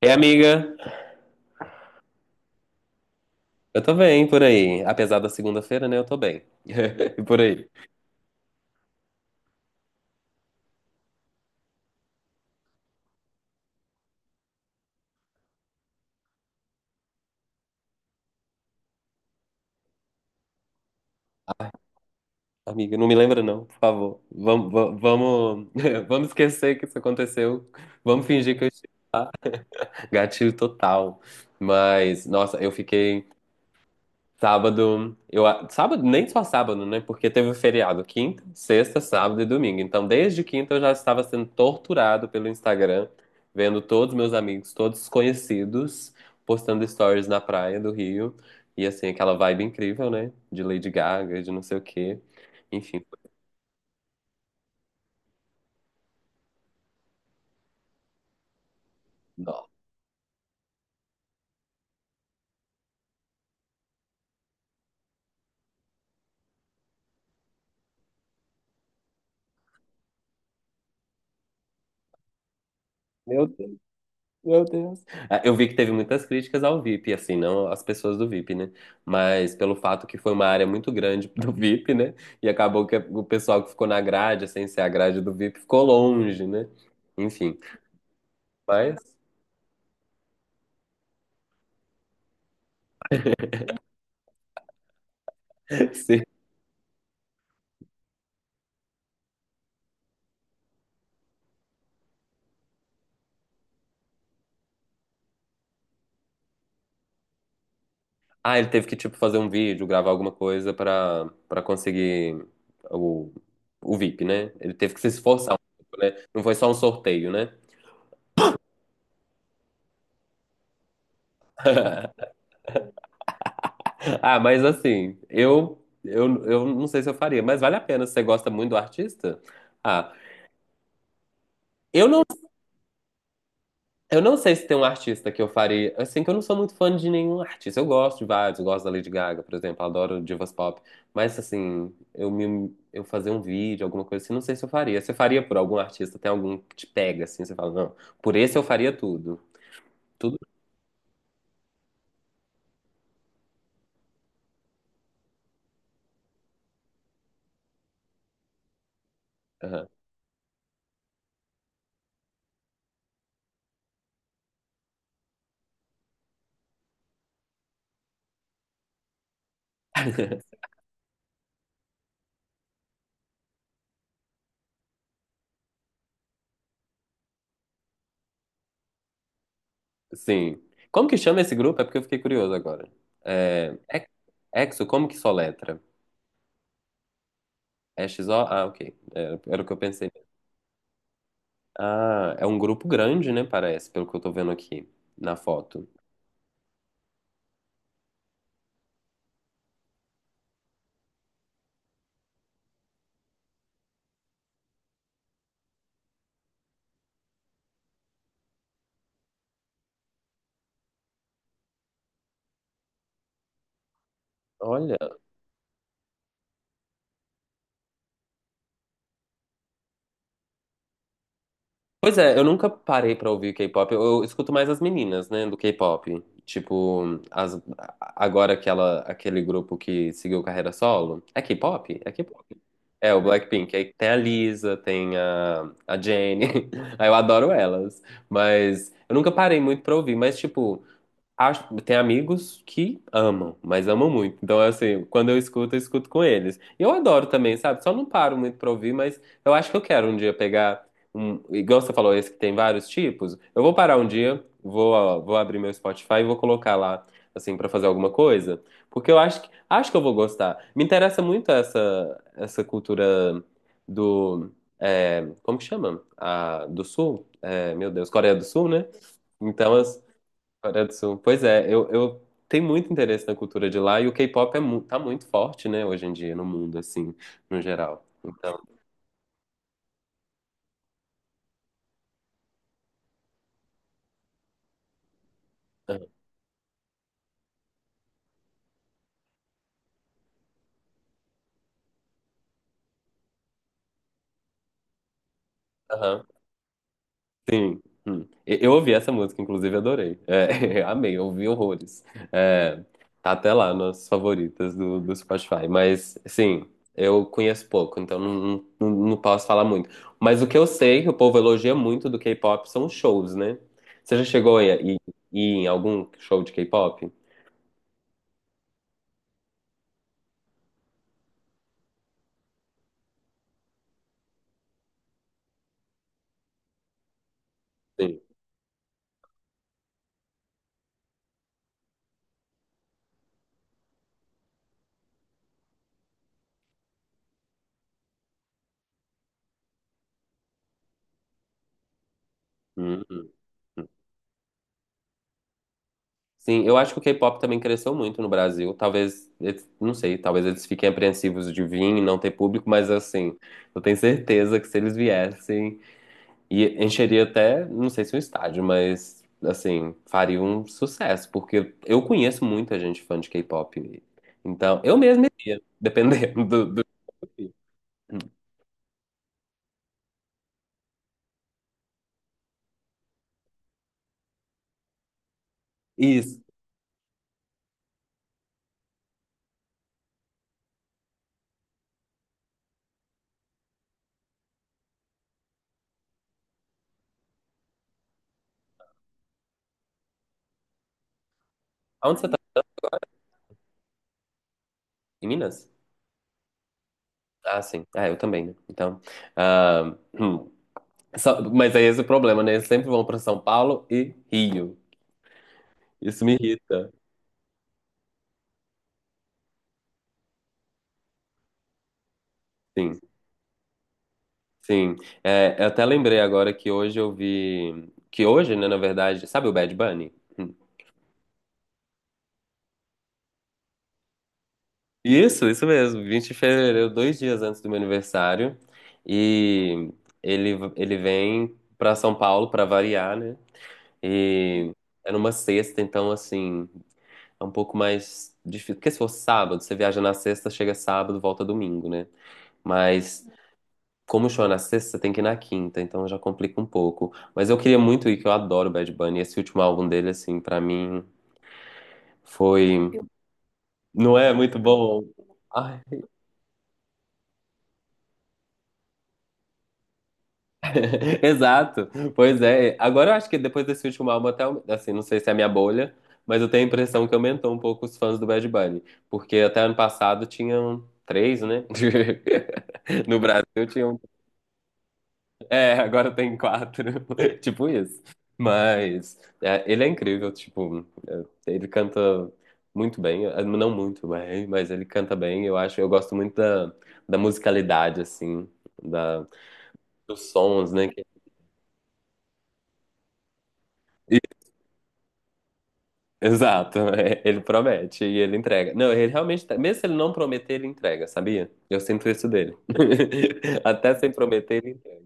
Ei, amiga, eu tô bem por aí. Apesar da segunda-feira, né? Eu tô bem. E por aí. Amiga, não me lembra não, por favor. Vamos, vamos esquecer que isso aconteceu. Vamos fingir que eu estive. Gatilho total. Mas, nossa, eu fiquei. Sábado, sábado, nem só sábado, né? Porque teve o feriado, quinta, sexta, sábado e domingo. Então, desde quinta eu já estava sendo torturado pelo Instagram, vendo todos meus amigos, todos os conhecidos, postando stories na praia do Rio. E assim, aquela vibe incrível, né? De Lady Gaga, de não sei o quê. Enfim. Nossa. Meu Meu Deus. Eu vi que teve muitas críticas ao VIP, assim, não às pessoas do VIP, né? Mas pelo fato que foi uma área muito grande do VIP, né? E acabou que o pessoal que ficou na grade, sem ser a grade do VIP, ficou longe, né? Enfim, mas sim. Ah, ele teve que, tipo, fazer um vídeo, gravar alguma coisa pra conseguir o, o VIP, né? Ele teve que se esforçar um pouco, né? Não foi só um sorteio, né? Ah, mas assim, eu não sei se eu faria, mas vale a pena. Se você gosta muito do artista? Ah, eu não, eu não sei se tem um artista que eu faria. Assim, que eu não sou muito fã de nenhum artista. Eu gosto de vários, eu gosto da Lady Gaga, por exemplo, adoro divas pop. Mas assim, eu fazer um vídeo, alguma coisa assim, não sei se eu faria. Você faria por algum artista? Tem algum que te pega assim? Você fala, não, por esse eu faria tudo. Tudo. Aham. Sim. Como que chama esse grupo? É porque eu fiquei curioso agora. É, Ex- Exo, como que soletra? É XO? Ah, ok. Era o que eu pensei. Ah, é um grupo grande, né? Parece, pelo que eu tô vendo aqui na foto. Olha. Pois é, eu nunca parei pra ouvir K-pop. Eu escuto mais as meninas, né, do K-pop. Tipo, agora aquele grupo que seguiu carreira solo. É K-pop? É K-pop. É, o Blackpink. Aí tem a Lisa, tem a Jennie. Aí eu adoro elas. Mas eu nunca parei muito pra ouvir. Mas, tipo. Acho, tem amigos que amam, mas amam muito. Então, é assim, quando eu escuto com eles. E eu adoro também, sabe? Só não paro muito pra ouvir, mas eu acho que eu quero um dia pegar um. Igual você falou, esse que tem vários tipos. Eu vou parar um dia, vou, ó, vou abrir meu Spotify e vou colocar lá, assim, pra fazer alguma coisa. Porque acho que eu vou gostar. Me interessa muito essa cultura do. É, como que chama? Ah, do Sul? É, meu Deus, Coreia do Sul, né? Então, as- Coreia do Sul. Pois é, eu tenho muito interesse na cultura de lá e o K-pop é mu tá muito forte, né, hoje em dia no mundo, assim, no geral. Então, aham, aham, sim. Hum. E- Eu ouvi essa música, inclusive, adorei. É, eu amei, eu ouvi horrores. É, tá até lá nas favoritas do Spotify. Mas, sim, eu conheço pouco, então não posso falar muito. Mas o que eu sei que o povo elogia muito do K-pop são os shows, né? Você já chegou ir em algum show de K-pop? Sim. Uhum. Sim, eu acho que o K-pop também cresceu muito no Brasil. Talvez, eles- não sei, talvez eles fiquem apreensivos de vir e não ter público, mas assim, eu tenho certeza que se eles viessem, e encheria até, não sei se um estádio, mas assim, faria um sucesso, porque eu conheço muita gente fã de K-pop. Então, eu mesmo iria, dependendo do... Isso. Onde você tá? Em Minas? Ah, sim. Ah, eu também, né? Então, ah, Só- esse é o problema, né? Eles sempre vão para São Paulo e Rio. Isso me irrita. Sim, sim. É, eu até lembrei agora que hoje eu vi. Que hoje, né, na verdade. Sabe o Bad Bunny? Hum. Isso mesmo. 20 de fevereiro, dois dias antes do meu aniversário. E ele, ele vem para São Paulo para variar, né? E é numa sexta, então, assim, é um pouco mais difícil. Porque se for sábado, você viaja na sexta, chega sábado, volta domingo, né? Mas como o show é na sexta, você tem que ir na quinta, então já complica um pouco. Mas eu queria muito ir, que eu adoro o Bad Bunny. Esse último álbum dele, assim, pra mim foi. Não é muito bom. Ai, exato, pois é. Agora eu acho que depois desse último álbum, até, assim, não sei se é a minha bolha, mas eu tenho a impressão que aumentou um pouco os fãs do Bad Bunny. Porque até ano passado tinham 3, né? No Brasil tinham. É, agora tem 4. Tipo isso. Mas é, ele é incrível, tipo. Ele canta muito bem, não muito bem, mas ele canta bem. Eu acho, eu gosto muito da musicalidade, assim, da, dos sons, né? que- Exato, ele promete e ele entrega. Não, ele realmente, tá- mesmo se ele não prometer, ele entrega, sabia? Eu sinto isso dele. Até sem prometer, ele entrega.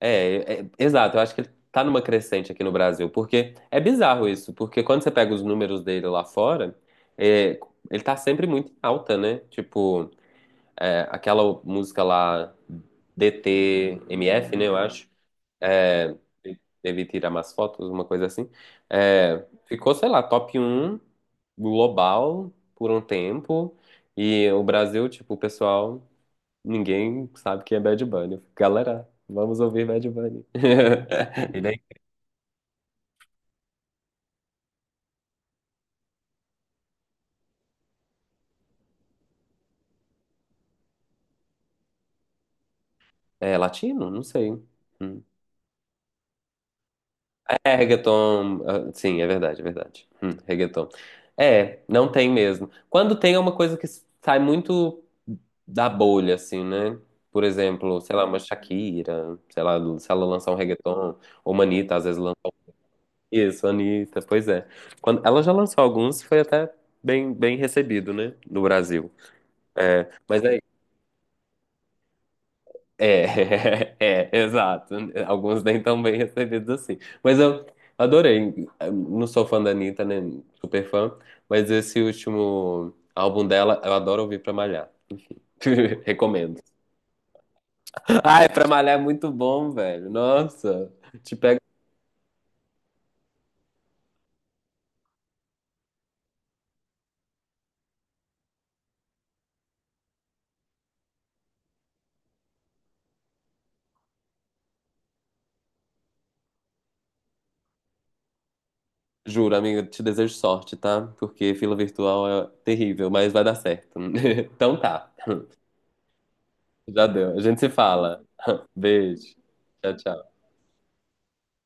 Exato, eu acho que ele tá numa crescente aqui no Brasil, porque é bizarro isso, porque quando você pega os números dele lá fora, é, ele tá sempre muito em alta, né? Tipo, é, aquela música lá, DTMF, né? Eu acho. Deve tirar mais fotos, uma coisa assim. É, ficou, sei lá, top 1 global por um tempo. E o Brasil, tipo, o pessoal, ninguém sabe quem é Bad Bunny. Eu fico, galera, vamos ouvir Bad Bunny. Ele é, é latino? Não sei. Hum. É, reggaeton. Sim, é verdade, é verdade. Reggaeton. É, não tem mesmo. Quando tem é uma coisa que sai muito da bolha, assim, né? Por exemplo, sei lá, uma Shakira, sei lá, se ela lançar um reggaeton, ou uma Anitta, às vezes lança isso, Anitta, pois é. Quando, ela já lançou alguns, foi até bem recebido, né? No Brasil. É. É, é, exato. Alguns nem tão bem recebidos assim. Mas eu adorei. Não sou fã da Anitta, né? Super fã. Mas esse último álbum dela, eu adoro ouvir pra malhar. Recomendo. Ai, pra malhar é muito bom, velho. Nossa. Te pego. Juro, amiga, te desejo sorte, tá? Porque fila virtual é terrível, mas vai dar certo. Então tá. Já deu. A gente se fala. Beijo. Tchau, tchau.